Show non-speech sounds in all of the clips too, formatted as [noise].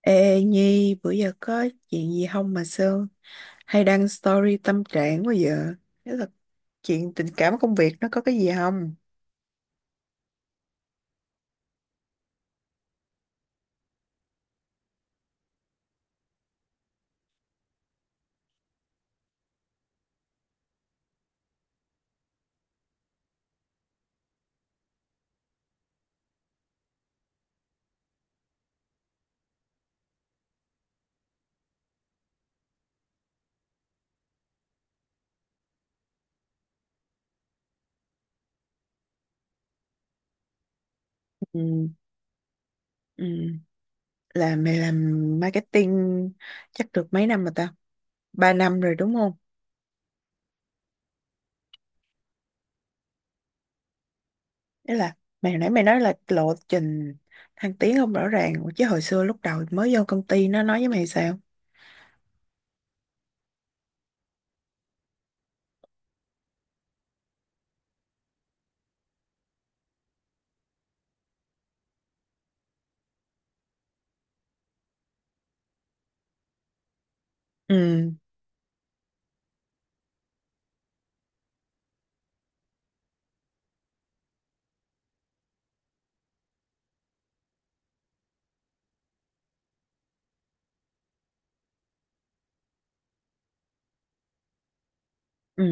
Ê Nhi, bữa giờ có chuyện gì không mà Sương hay đăng story tâm trạng quá giờ? Thế là chuyện tình cảm công việc nó có cái gì không? Ừ, ừ. Là mày làm marketing chắc được mấy năm rồi ta? 3 năm rồi đúng không? Thế là mày hồi nãy mày nói là lộ trình thăng tiến không rõ ràng. Ủa, chứ hồi xưa lúc đầu mới vô công ty nó nói với mày sao? Ừ, ừ.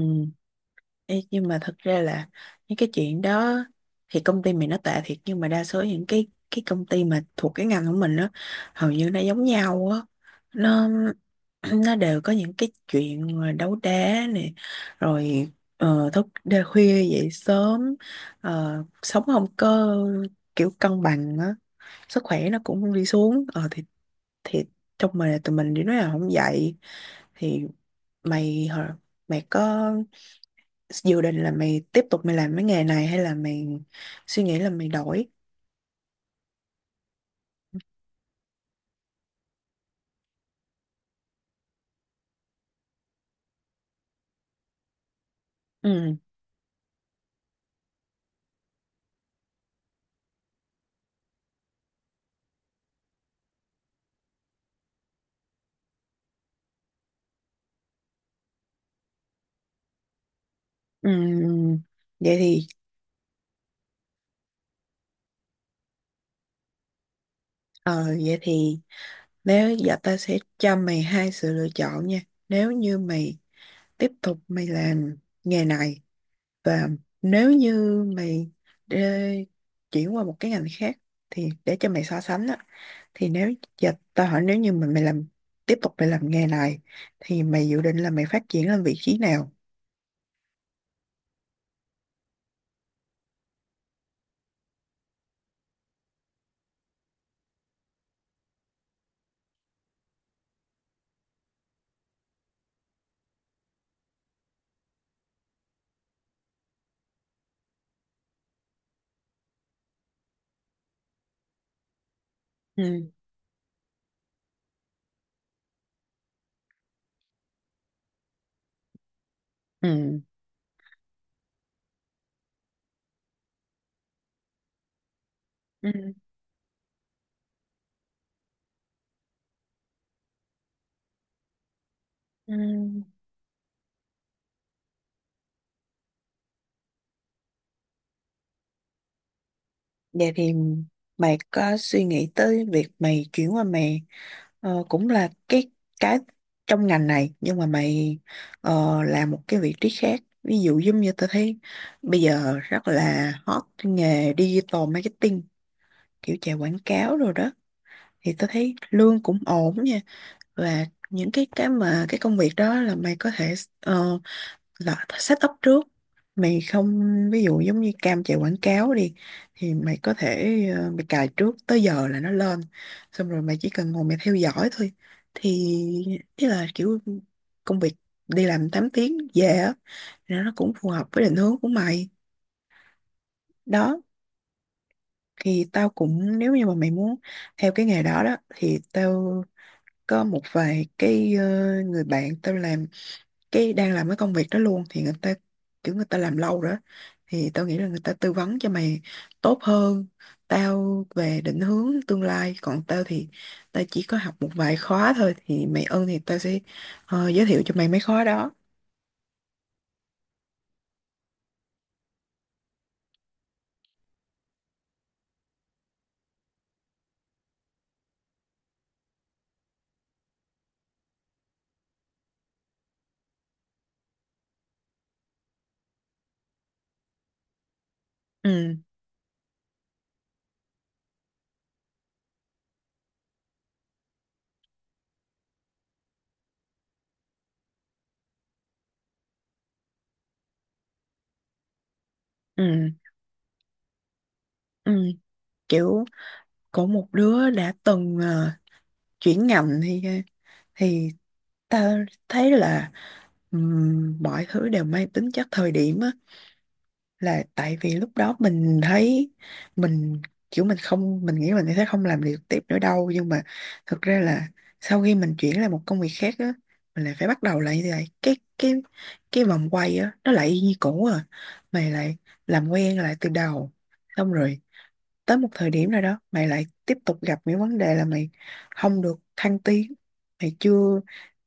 Ê, nhưng mà thật ra là những cái chuyện đó thì công ty mình nó tệ thiệt, nhưng mà đa số những cái công ty mà thuộc cái ngành của mình á hầu như nó giống nhau á, nó [clears throat] nó đều có những cái chuyện mà đấu đá này, rồi thức đêm khuya dậy sớm, sống không có kiểu cân bằng á, sức khỏe nó cũng đi xuống, thì trong mình tụi mình thì nói là không dậy thì mày hả- mày có dự định là mày tiếp tục mày làm cái nghề này hay là mày suy nghĩ là mày đổi? Ừ. Ừ. Vậy thì ờ vậy thì nếu giờ ta sẽ cho mày hai sự lựa chọn nha, nếu như mày tiếp tục mày làm nghề này và nếu như mày đê- chuyển qua một cái ngành khác thì để cho mày so sánh á, thì nếu giờ tao hỏi nếu như mà mày làm tiếp tục mày làm nghề này thì mày dự định là mày phát triển lên vị trí nào? Ừ, ừ, ừ. Ừ. Vậy thì mày có suy nghĩ tới việc mày chuyển qua mày cũng là cái trong ngành này nhưng mà mày làm một cái vị trí khác, ví dụ giống như tao thấy bây giờ rất là hot cái nghề digital marketing, kiểu chạy quảng cáo rồi đó, thì tao thấy lương cũng ổn nha, và những cái mà cái công việc đó là mày có thể ờ, là set up trước, mày không, ví dụ giống như cam chạy quảng cáo đi thì mày có thể mày cài trước tới giờ là nó lên, xong rồi mày chỉ cần ngồi mày theo dõi thôi, thì ý là kiểu công việc đi làm 8 tiếng về á thì nó cũng phù hợp với định hướng của mày đó. Thì tao cũng nếu như mà mày muốn theo cái nghề đó đó thì tao có một vài cái người bạn tao làm cái đang làm cái công việc đó luôn, thì người ta kiểu người ta làm lâu rồi đó, thì tao nghĩ là người ta tư vấn cho mày tốt hơn tao về định hướng tương lai, còn tao thì tao chỉ có học một vài khóa thôi, thì mày ơn thì tao sẽ giới thiệu cho mày mấy khóa đó. Ừ, ừ, ừ. Kiểu có một đứa đã từng chuyển ngành thì thì tao thấy là mọi thứ đều mang tính chất thời điểm á, là tại vì lúc đó mình thấy mình kiểu mình nghĩ mình sẽ không làm được tiếp nữa đâu, nhưng mà thực ra là sau khi mình chuyển lại một công việc khác á, mình lại phải bắt đầu lại như vậy, cái vòng quay á nó lại y như cũ à, mày lại làm quen lại từ đầu, xong rồi tới một thời điểm nào đó mày lại tiếp tục gặp những vấn đề là mày không được thăng tiến, mày chưa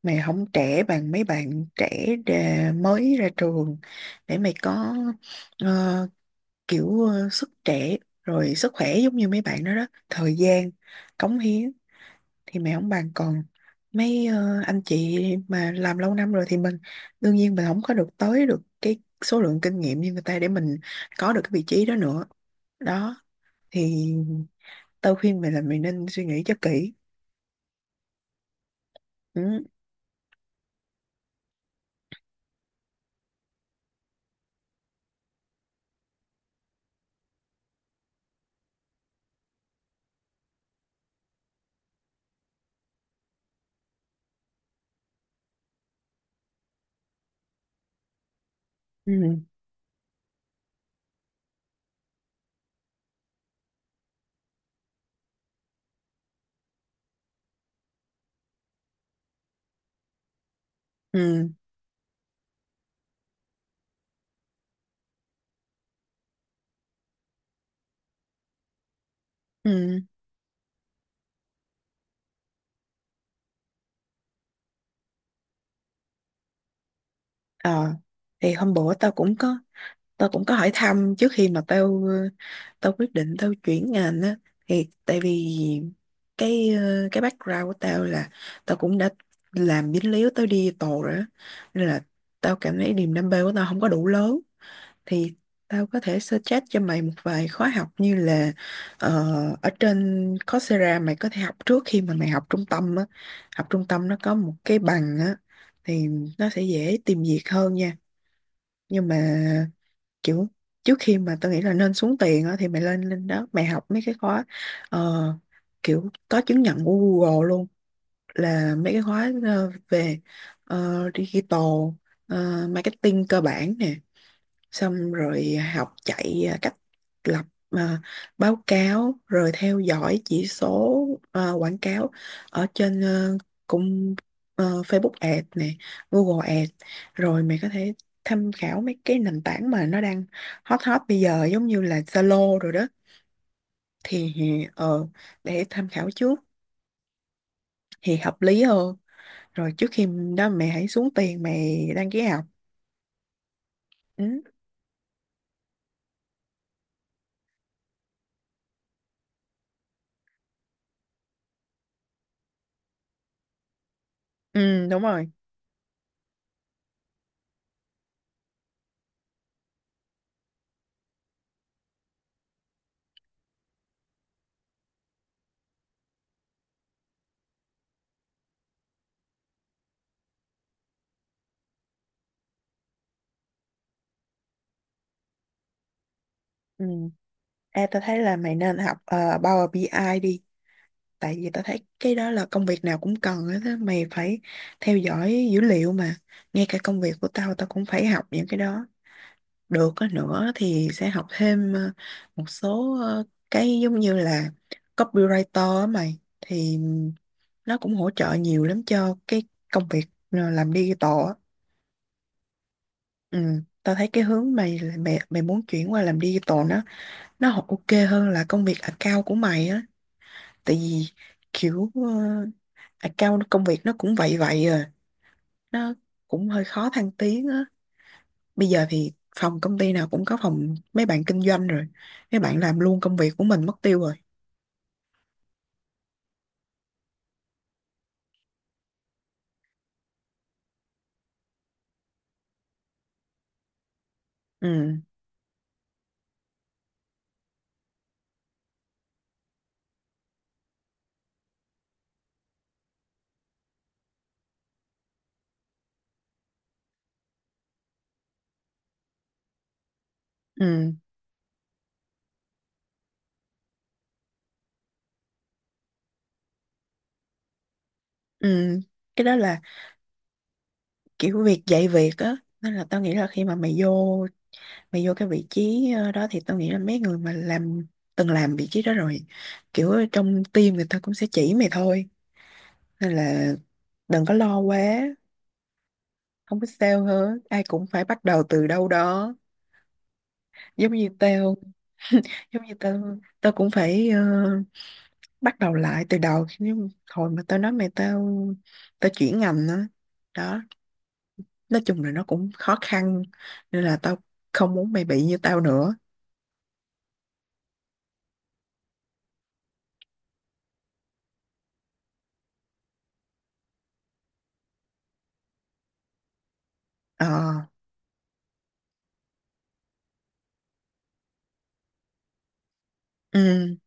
mày không trẻ bằng mấy bạn trẻ mới ra trường để mày có ờ, sức trẻ rồi sức khỏe giống như mấy bạn đó đó, thời gian cống hiến thì mẹ không bằng, còn mấy anh chị mà làm lâu năm rồi thì mình đương nhiên mình không có được tới được cái số lượng kinh nghiệm như người ta để mình có được cái vị trí đó nữa đó, thì tao khuyên mày là mày nên suy nghĩ cho kỹ. Ừ, ừ, ừ, ừ. ờ thì hôm bữa tao cũng có hỏi thăm trước khi mà tao quyết định tao chuyển ngành á, thì tại vì cái background của tao là tao cũng đã làm dính líu tới đi tù rồi á, nên là tao cảm thấy niềm đam mê của tao không có đủ lớn, thì tao có thể suggest cho mày một vài khóa học như là ờ, ở trên Coursera mày có thể học trước khi mà mày học trung tâm á, học trung tâm nó có một cái bằng á thì nó sẽ dễ tìm việc hơn nha, nhưng mà kiểu trước khi mà tôi nghĩ là nên xuống tiền á thì mày lên lên đó mày học mấy cái khóa ờ, kiểu có chứng nhận của Google luôn, là mấy cái khóa về digital marketing cơ bản nè, xong rồi học chạy cách lập à, báo cáo rồi theo dõi chỉ số quảng cáo ở trên cung Facebook Ads nè, Google Ads, rồi mày có thể tham khảo mấy cái nền tảng mà nó đang hot hot bây giờ giống như là Zalo rồi đó, thì ờ, để tham khảo trước thì hợp lý hơn rồi trước khi đó mẹ hãy xuống tiền mày đăng ký học. Ừ, ừ đúng rồi. Ừ. Ê, tao thấy là mày nên học Power BI ai đi, tại vì tao thấy cái đó là công việc nào cũng cần hết á, mày phải theo dõi dữ liệu mà, ngay cả công việc của tao tao cũng phải học những cái đó, được á nữa thì sẽ học thêm một số cái giống như là copywriter á mày, thì nó cũng hỗ trợ nhiều lắm cho cái công việc làm digital á. Ừ. Tao thấy cái hướng mày mày mày muốn chuyển qua làm digital nó ok hơn là công việc account của mày á, tại vì kiểu account công việc nó cũng vậy vậy à, nó cũng hơi khó thăng tiến á, bây giờ thì phòng công ty nào cũng có phòng mấy bạn kinh doanh rồi, mấy bạn làm luôn công việc của mình mất tiêu rồi. Ừ, ừ, ừ. Cái đó là kiểu việc dạy việc á, nên là tao nghĩ là khi mà mày vô cái vị trí đó thì tao nghĩ là mấy người mà từng làm vị trí đó rồi, kiểu ở trong team người ta cũng sẽ chỉ mày thôi, nên là đừng có lo quá, không biết sao hết, ai cũng phải bắt đầu từ đâu đó, giống như tao [laughs] giống như tao tao cũng phải bắt đầu lại từ đầu, nhưng hồi mà tao nói mày tao tao chuyển ngành đó đó, nói chung là nó cũng khó khăn, nên là tao không muốn mày bị như tao nữa. Ờ, ừ.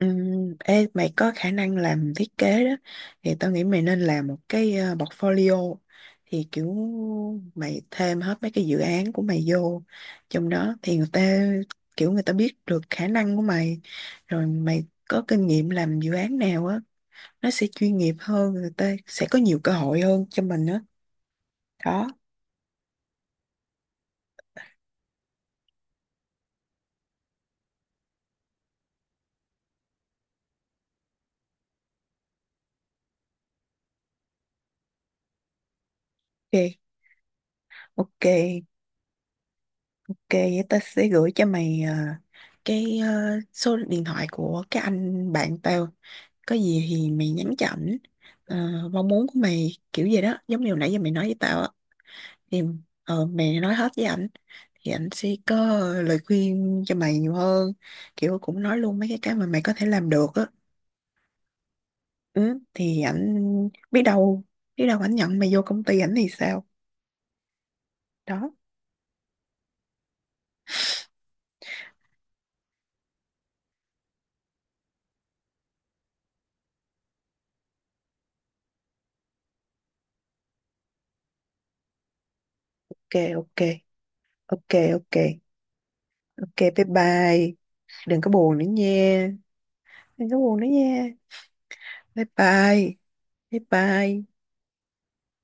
Ê, mày có khả năng làm thiết kế đó, thì tao nghĩ mày nên làm một cái portfolio, thì kiểu mày thêm hết mấy cái dự án của mày vô trong đó thì người ta kiểu người ta biết được khả năng của mày, rồi mày có kinh nghiệm làm dự án nào á, nó sẽ chuyên nghiệp hơn, người ta sẽ có nhiều cơ hội hơn cho mình đó đó. Ok, ok, ok, vậy ta sẽ gửi cho mày cái số điện thoại của cái anh bạn tao, có gì thì mày nhắn cho ảnh Ờ, mong muốn của mày kiểu gì đó giống như hồi nãy giờ mày nói với tao á, thì mày nói hết với ảnh thì ảnh sẽ có lời khuyên cho mày nhiều hơn, kiểu cũng nói luôn mấy cái mà mày có thể làm được á, ừ, thì ảnh biết đâu biết đâu ảnh nhận mày vô công ty ảnh thì sao đó. Ok, ok, ok, ok, ok, bye bye. Đừng có buồn nữa nha. Đừng có buồn nữa nha. Bye bye, bye bye.